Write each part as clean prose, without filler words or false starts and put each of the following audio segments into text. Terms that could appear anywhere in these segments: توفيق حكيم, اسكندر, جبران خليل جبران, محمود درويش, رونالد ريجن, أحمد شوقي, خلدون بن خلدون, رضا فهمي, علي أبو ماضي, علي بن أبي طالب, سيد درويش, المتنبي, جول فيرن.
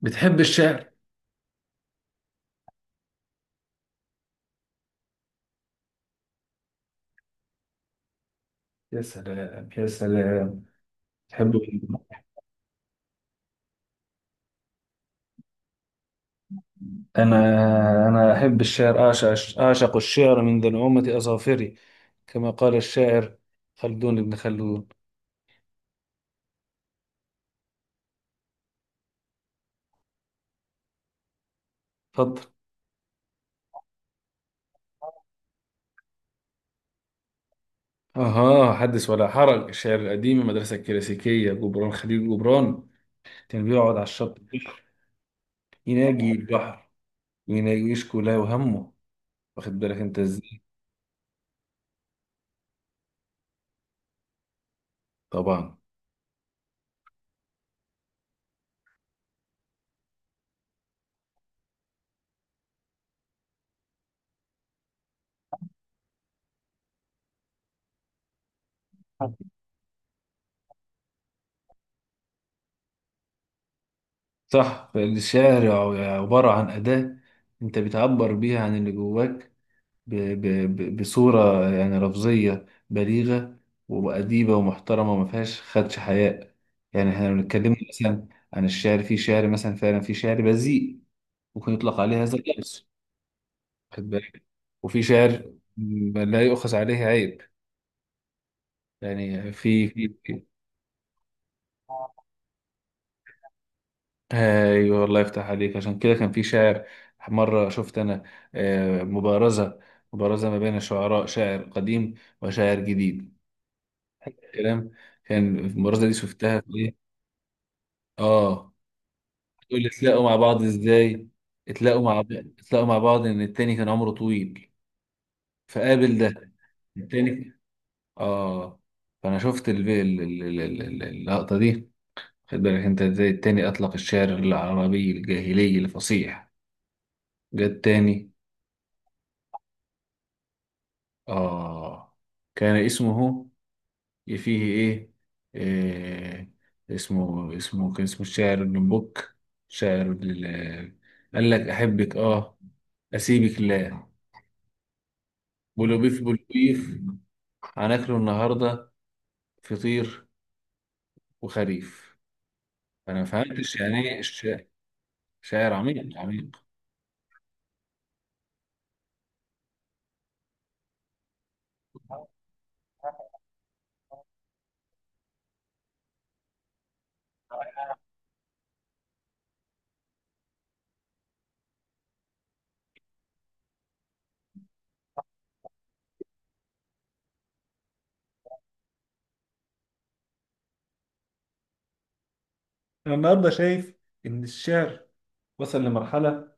بتحب الشعر؟ يا سلام يا سلام. تحب. أنا أنا أحب الشعر، أعشق الشعر من ذنومة أظافري، كما قال الشاعر خلدون بن خلدون. تفضل. أها، حدث ولا حرج. الشعر القديم، المدرسة الكلاسيكية، جبران خليل جبران كان بيقعد على الشط البحر يناجي البحر، ويناجي يشكو له وهمه. واخد بالك أنت إزاي؟ طبعا. صح، فالشعر عبارة عن أداة أنت بتعبر بيها عن اللي جواك بصورة يعني لفظية بليغة وأديبة ومحترمة وما فيهاش خدش حياء. يعني احنا لو اتكلمنا مثلا عن الشعر، في شعر مثلا فعلا في شعر بذيء ممكن يطلق عليه هذا اللفظ. واخد بالك؟ وفي شعر لا يؤخذ عليه عيب. يعني ايوه، الله يفتح عليك. عشان كده كان في شاعر، مره شفت انا مبارزه، مبارزه ما بين شعراء، شاعر قديم وشاعر جديد. الكلام كان المرازة دي شفتها في ايه؟ اه. تقول اتلاقوا مع بعض ازاي؟ اتلاقوا مع بعض اتلاقوا مع بعض ان التاني كان عمره طويل، فقابل ده التاني. اه، فانا شفت اللقطة دي. خد بالك انت ازاي؟ التاني اطلق الشعر العربي الجاهلي الفصيح، جه التاني. اه كان اسمه فيه إيه اسمه الشاعر ابن بوك، شاعر ال- قال لك أحبك آه أسيبك لا، بلوبيف بلوبيف هناكله النهاردة فطير وخريف. أنا ما فهمتش يعني إيه شاعر عميق عميق. أنا النهاردة شايف إن الشعر وصل لمرحلة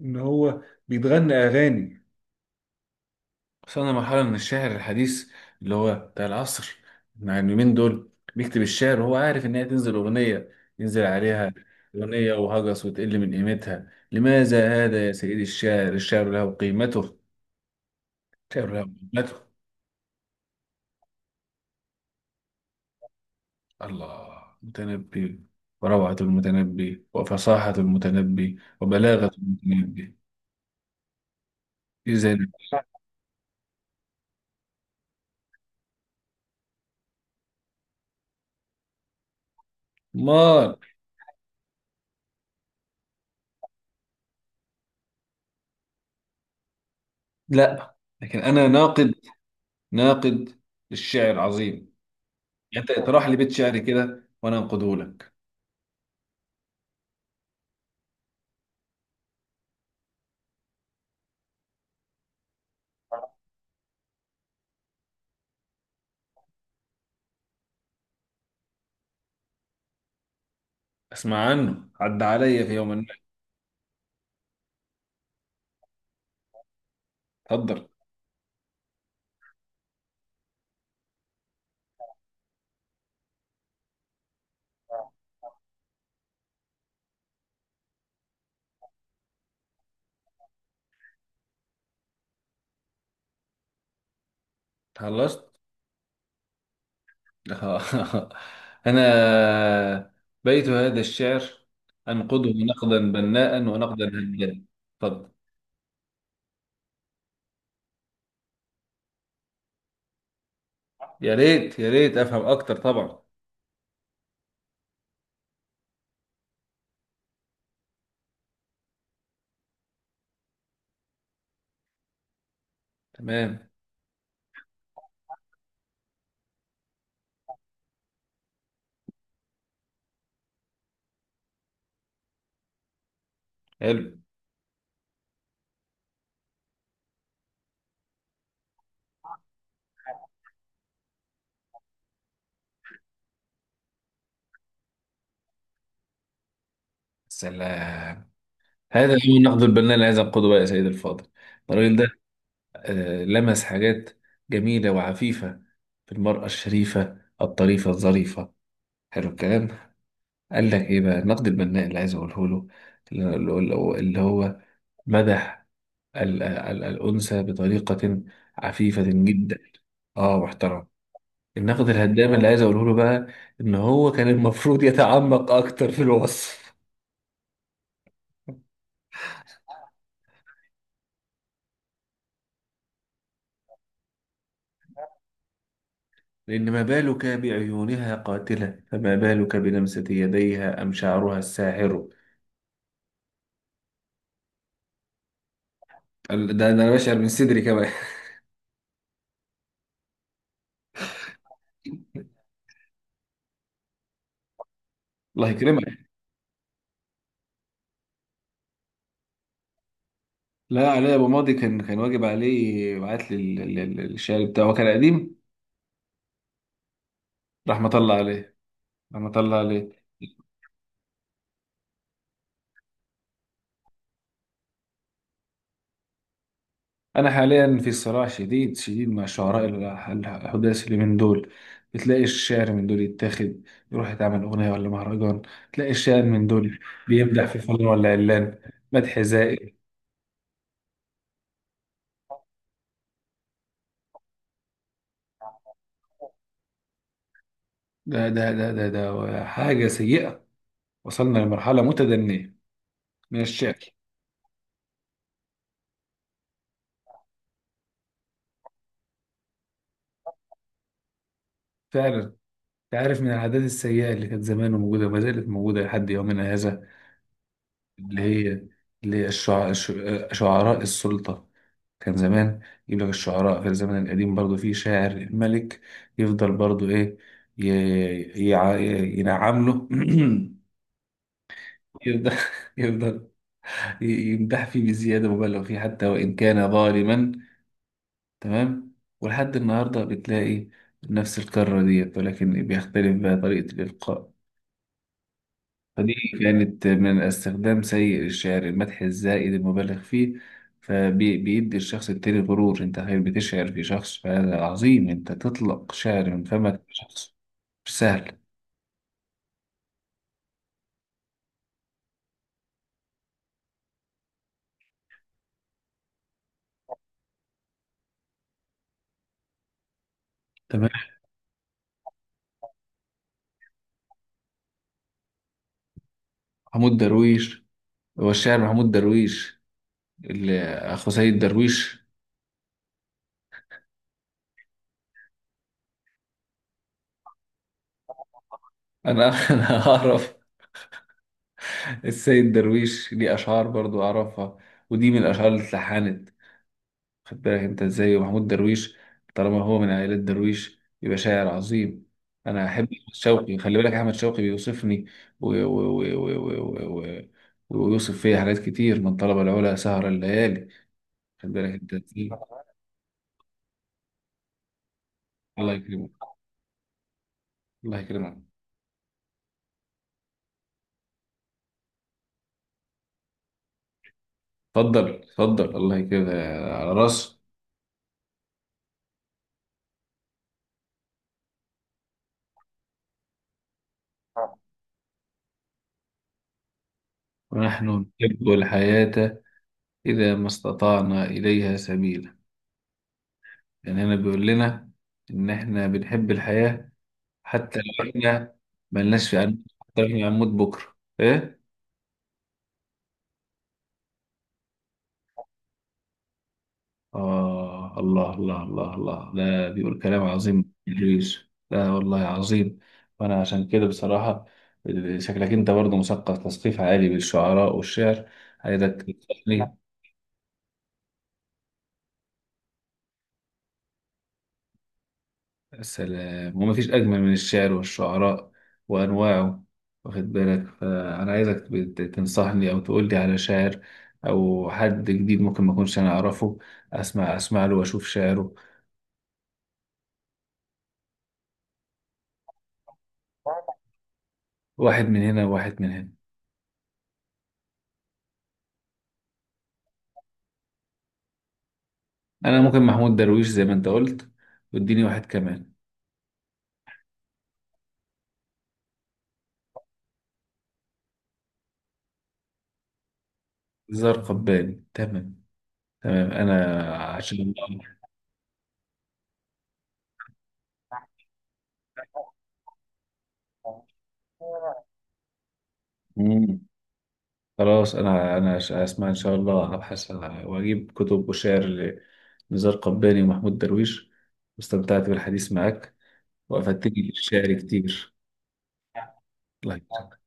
إن هو بيتغنى أغاني. وصلنا لمرحلة من الشاعر الحديث اللي هو بتاع العصر، مع اليومين دول بيكتب الشعر وهو عارف إن هي تنزل أغنية، ينزل عليها أغنية وهجس، وتقل من قيمتها. لماذا هذا يا سيدي الشاعر؟ الشعر له قيمته، الشعر له قيمته. الله، المتنبي، وروعة المتنبي وفصاحة المتنبي وبلاغة المتنبي. إذا ما لا، لكن أنا ناقد، ناقد للشعر العظيم. يعني انت تروح لبيت شعري كده وانا انقده لك. اسمع عنه، عدى عليا في يوم ما. اتفضل. خلصت؟ انا، بيت هذا الشعر انقده نقدا بناء ونقدا هنيئا. اتفضل. يا ريت يا ريت افهم اكتر طبعا. تمام. حلو. سلام. هذا هو النقد البناء اللي عايز انقده بقى يا سيد الفاضل. الراجل ده لمس حاجات جميله وعفيفه في المراه الشريفه الطريفه الظريفه. حلو الكلام. قال لك ايه بقى النقد البناء اللي عايز اقوله له؟ اللي هو مدح الانثى بطريقه عفيفه جدا. اه محترم. النقد الهدام اللي عايز اقوله له بقى، ان هو كان المفروض يتعمق اكتر في الوصف. لان ما بالك بعيونها قاتله؟ فما بالك بلمسه يديها ام شعرها الساحر؟ ده انا بشعر من صدري كمان. الله يكرمك. لا، علي ابو ماضي كان واجب عليه يبعت لي الشعر بتاعه، هو كان قديم، رحمة الله عليه. انا طلع ليه. انا حاليا في صراع شديد شديد مع شعراء الحداثي اللي من دول، بتلاقي الشعر من دول يتاخد يروح يتعمل اغنيه ولا مهرجان. تلاقي الشاعر من دول بيمدح في فلان ولا علان، مدح زائل. ده ده ده ده ده حاجه سيئه، وصلنا لمرحله متدنيه من الشعر. فعلا. تعرف من العادات السيئه اللي كانت زمان موجوده وما زالت موجوده لحد يومنا هذا؟ اللي هي اللي هي شعراء السلطة. كان زمان يجيب لك الشعراء في الزمن القديم برضو في شاعر الملك، يفضل برضو ايه، ينعم له، يفضل يفضل ي- يمدح فيه بزيادة مبالغ فيه حتى وإن كان ظالما. تمام. ولحد النهاردة بتلاقي نفس الكرة ديت، ولكن بيختلف بقى طريقة الإلقاء. فدي كانت من استخدام سيء للشعر، المدح الزائد المبالغ فيه، فبيدي الشخص التاني غرور. انت خير بتشعر في شخص فهذا عظيم، انت تطلق شعر من فمك، شخص مش سهل. تمام. محمود درويش، هو الشاعر محمود درويش اللي اخو سيد درويش. انا انا اعرف السيد درويش ليه اشعار برضو اعرفها، ودي من الاشعار اللي اتلحنت. خد بالك انت ازاي؟ ومحمود درويش طالما هو من عائلة درويش يبقى شاعر عظيم. انا احب احمد شوقي، خلي بالك، احمد شوقي بيوصفني و... و... و... و... و... و... ويوصف فيا حاجات كتير، من طلب العلا سهر الليالي. خد بالك انت ازاي؟ الله يكرمك، الله يكرمك. اتفضل، اتفضل، الله يكرمك. على راسي. ونحن نحب الحياة إذا ما استطعنا إليها سبيلا. يعني هنا بيقول لنا إن إحنا بنحب الحياة حتى لو احنا ملناش في قلبنا، حتى لو احنا هنموت بكره، ايه. اه، الله الله الله الله، ده بيقول كلام عظيم ادريس. لا والله عظيم. وانا عشان كده بصراحه، شكلك انت برضه مثقف تثقيف عالي بالشعراء والشعر، عايزك تنصحني. السلام. وما فيش اجمل من الشعر والشعراء وانواعه. واخد بالك، فانا عايزك تنصحني او تقول لي على شاعر او حد جديد ممكن ما اكونش انا اعرفه، اسمع اسمع له واشوف شعره. واحد من هنا وواحد من هنا. انا ممكن محمود درويش زي ما انت قلت، واديني واحد كمان. زار قباني تمام، تمام. انا عشان الله. مم. خلاص، انا اسمع ان شاء الله، ابحث واجيب كتب وشعر لنزار قباني ومحمود درويش. واستمتعت بالحديث معك، وافدتني بالشعر كتير. الله يكرمك.